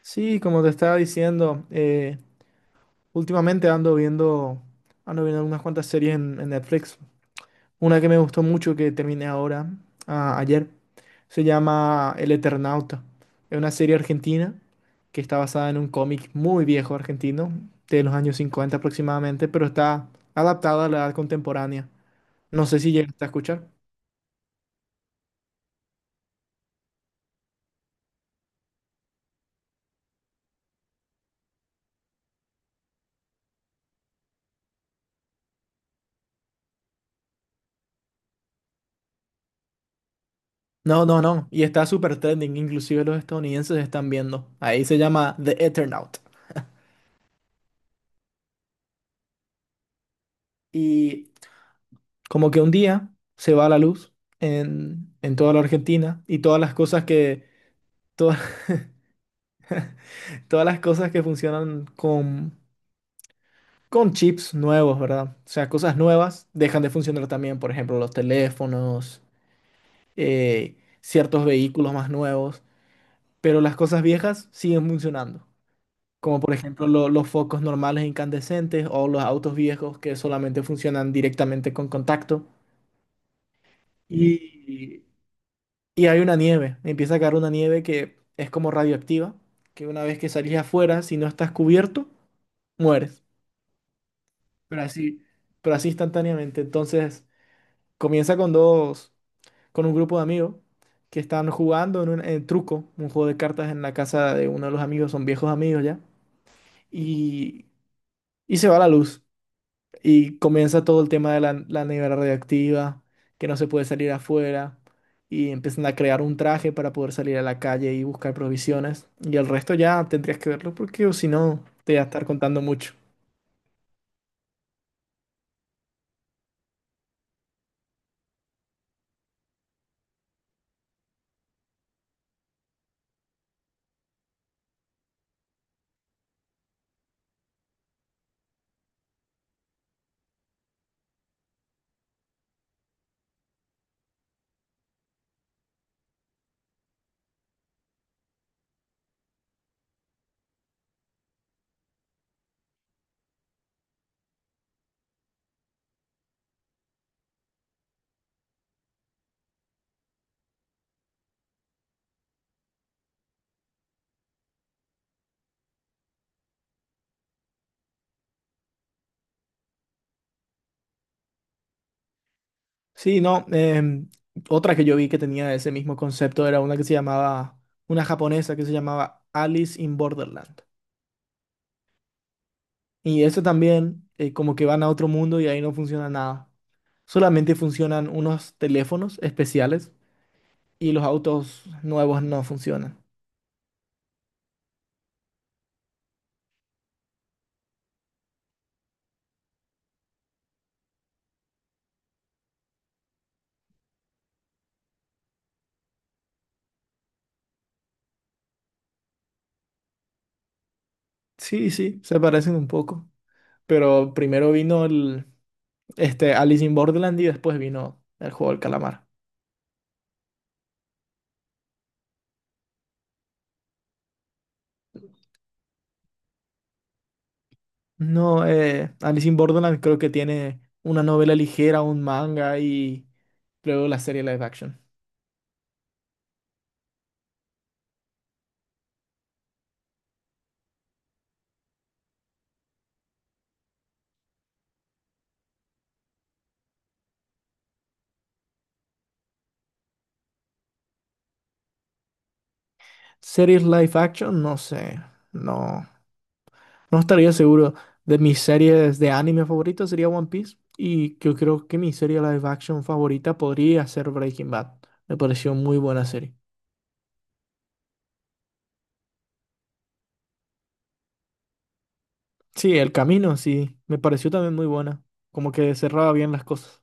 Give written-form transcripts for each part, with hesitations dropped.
Sí, como te estaba diciendo, últimamente ando viendo unas cuantas series en Netflix. Una que me gustó mucho que terminé ahora, ayer, se llama El Eternauta. Es una serie argentina que está basada en un cómic muy viejo argentino, de los años 50 aproximadamente, pero está adaptada a la edad contemporánea. No sé si llegaste a escuchar. No, no, no. Y está súper trending, inclusive los estadounidenses están viendo. Ahí se llama The Eternaut. Y Como que un día se va la luz en toda la Argentina y todas las cosas que, todas, todas las cosas que funcionan con chips nuevos, ¿verdad? O sea, cosas nuevas dejan de funcionar también, por ejemplo, los teléfonos, ciertos vehículos más nuevos, pero las cosas viejas siguen funcionando. Como por ejemplo los focos normales incandescentes o los autos viejos que solamente funcionan directamente con contacto. Y Y hay una nieve, empieza a caer una nieve que es como radioactiva, que una vez que salís afuera, si no estás cubierto, mueres. Pero así, pero así instantáneamente. Entonces, comienza con dos, con un grupo de amigos que están jugando en un en truco, un juego de cartas en la casa de uno de los amigos, son viejos amigos ya, y, y se va la luz. Y comienza todo el tema de la nevera radioactiva, que no se puede salir afuera. Y empiezan a crear un traje para poder salir a la calle y buscar provisiones. Y el resto ya tendrías que verlo porque o si no, te voy a estar contando mucho. Sí, no. Otra que yo vi que tenía ese mismo concepto era una que se llamaba, una japonesa que se llamaba Alice in Borderland. Y eso también, como que van a otro mundo y ahí no funciona nada. Solamente funcionan unos teléfonos especiales y los autos nuevos no funcionan. Sí, sí. Se parecen un poco, pero primero vino este, Alice in Borderland y después vino el juego del calamar. No, Alice in Borderland creo que tiene una novela ligera, un manga y luego la serie live action. Series live action, no sé, no, no estaría seguro. De mis series de anime favoritas sería One Piece y yo creo que mi serie live action favorita podría ser Breaking Bad. Me pareció muy buena serie. Sí, El Camino, sí, me pareció también muy buena, como que cerraba bien las cosas.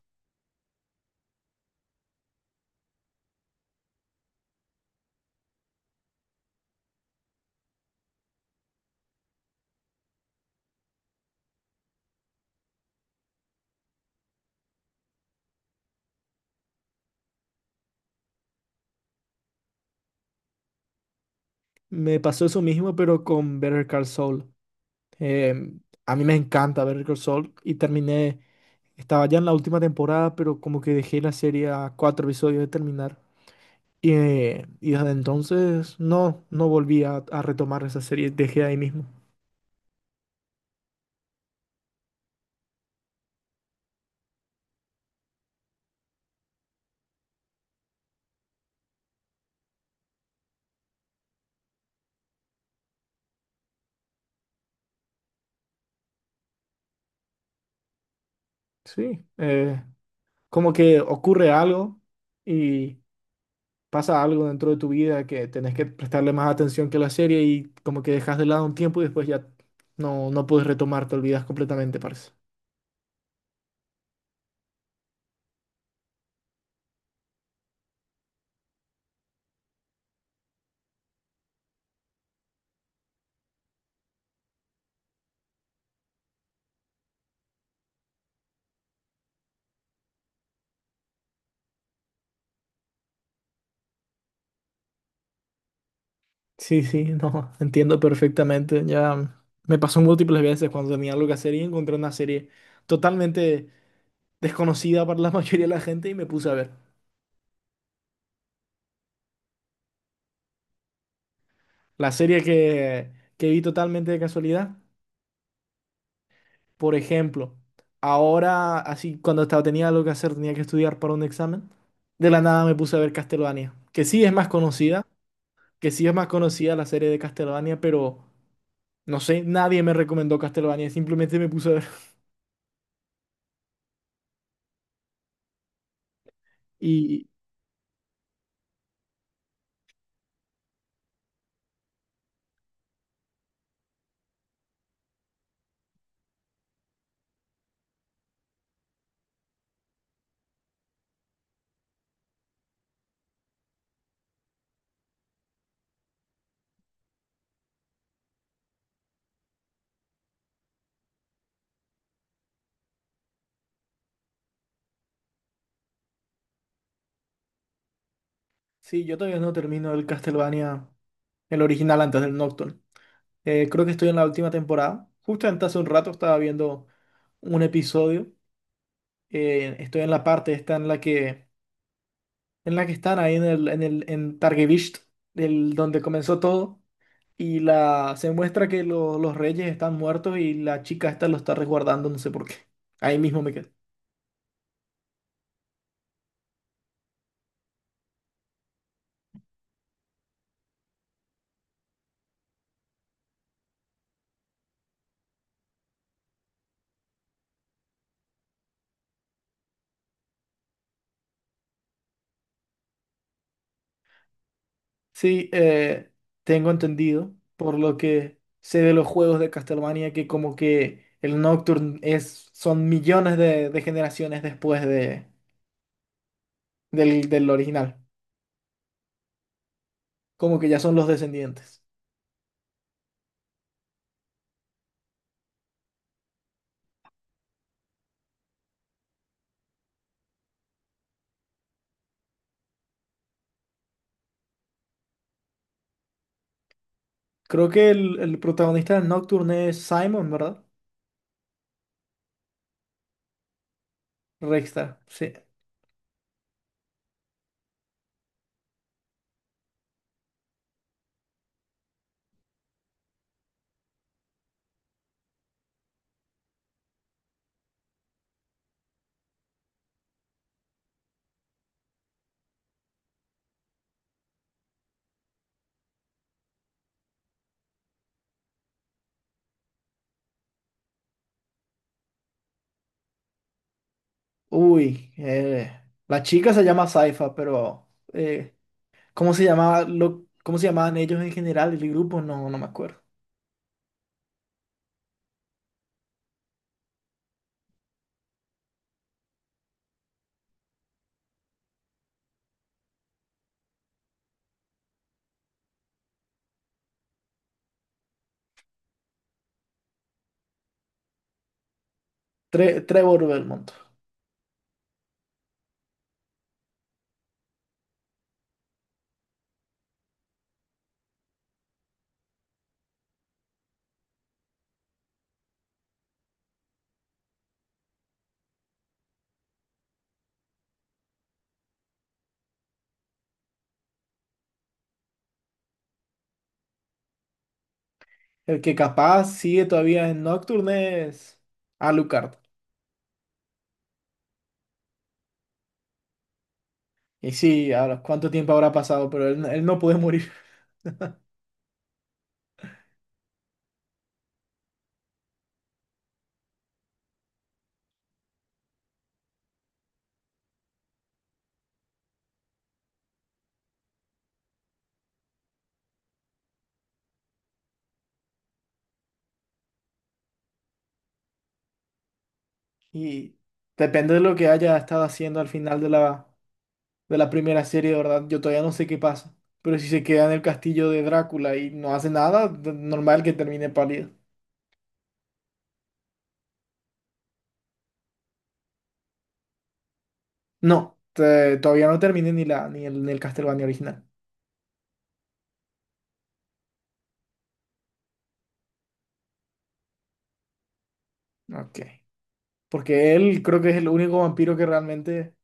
Me pasó eso mismo, pero con Better Call Saul. Eh, a mí me encanta Better Call Saul y terminé, estaba ya en la última temporada, pero como que dejé la serie a cuatro episodios de terminar. Y desde entonces no, no volví a retomar esa serie, dejé ahí mismo. Sí, como que ocurre algo y pasa algo dentro de tu vida que tenés que prestarle más atención que la serie y como que dejas de lado un tiempo y después ya no, no puedes retomar, te olvidas completamente, parce. Sí, sí, no, entiendo perfectamente. Ya me pasó múltiples veces cuando tenía algo que hacer y encontré una serie totalmente desconocida para la mayoría de la gente y me puse a ver. La serie que vi totalmente de casualidad. Por ejemplo, ahora, así cuando estaba, tenía algo que hacer, tenía que estudiar para un examen, de la nada me puse a ver Castlevania, que sí es más conocida, que sí es más conocida la serie de Castlevania, pero no sé, nadie me recomendó Castlevania, simplemente me puse a ver. Y sí, yo todavía no termino el Castlevania, el original antes del Nocturne. Creo que estoy en la última temporada. Justamente hace un rato estaba viendo un episodio. Estoy en la parte esta en la que están ahí en en el en Targevisht, el, donde comenzó todo, y se muestra que los reyes están muertos y la chica esta lo está resguardando, no sé por qué. Ahí mismo me quedé. Sí, tengo entendido, por lo que sé de los juegos de Castlevania, que como que el Nocturne es, son millones de generaciones después del original, como que ya son los descendientes. Creo que el protagonista del Nocturne es Simon, ¿verdad? Rexta, sí. Uy, la chica se llama Saifa, pero eh, ¿cómo se llamaba lo, cómo se llamaban ellos en general, el grupo? No, no me acuerdo. Trevor Belmont. El que capaz sigue todavía en Nocturne es Alucard. Y sí, ahora, ¿cuánto tiempo habrá pasado? Pero él no puede morir. Y depende de lo que haya estado haciendo al final de de la primera serie, de verdad. Yo todavía no sé qué pasa. Pero si se queda en el castillo de Drácula y no hace nada, normal que termine pálido. No, todavía no terminé ni la ni ni el Castlevania original. Ok. Porque él creo que es el único vampiro que realmente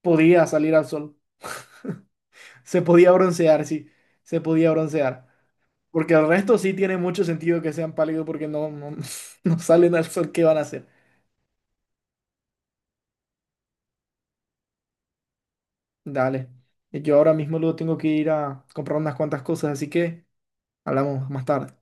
podía salir al sol. Se podía broncear, sí. Se podía broncear. Porque el resto sí tiene mucho sentido que sean pálidos porque no, no, no salen al sol. ¿Qué van a hacer? Dale. Yo ahora mismo luego tengo que ir a comprar unas cuantas cosas, así que hablamos más tarde.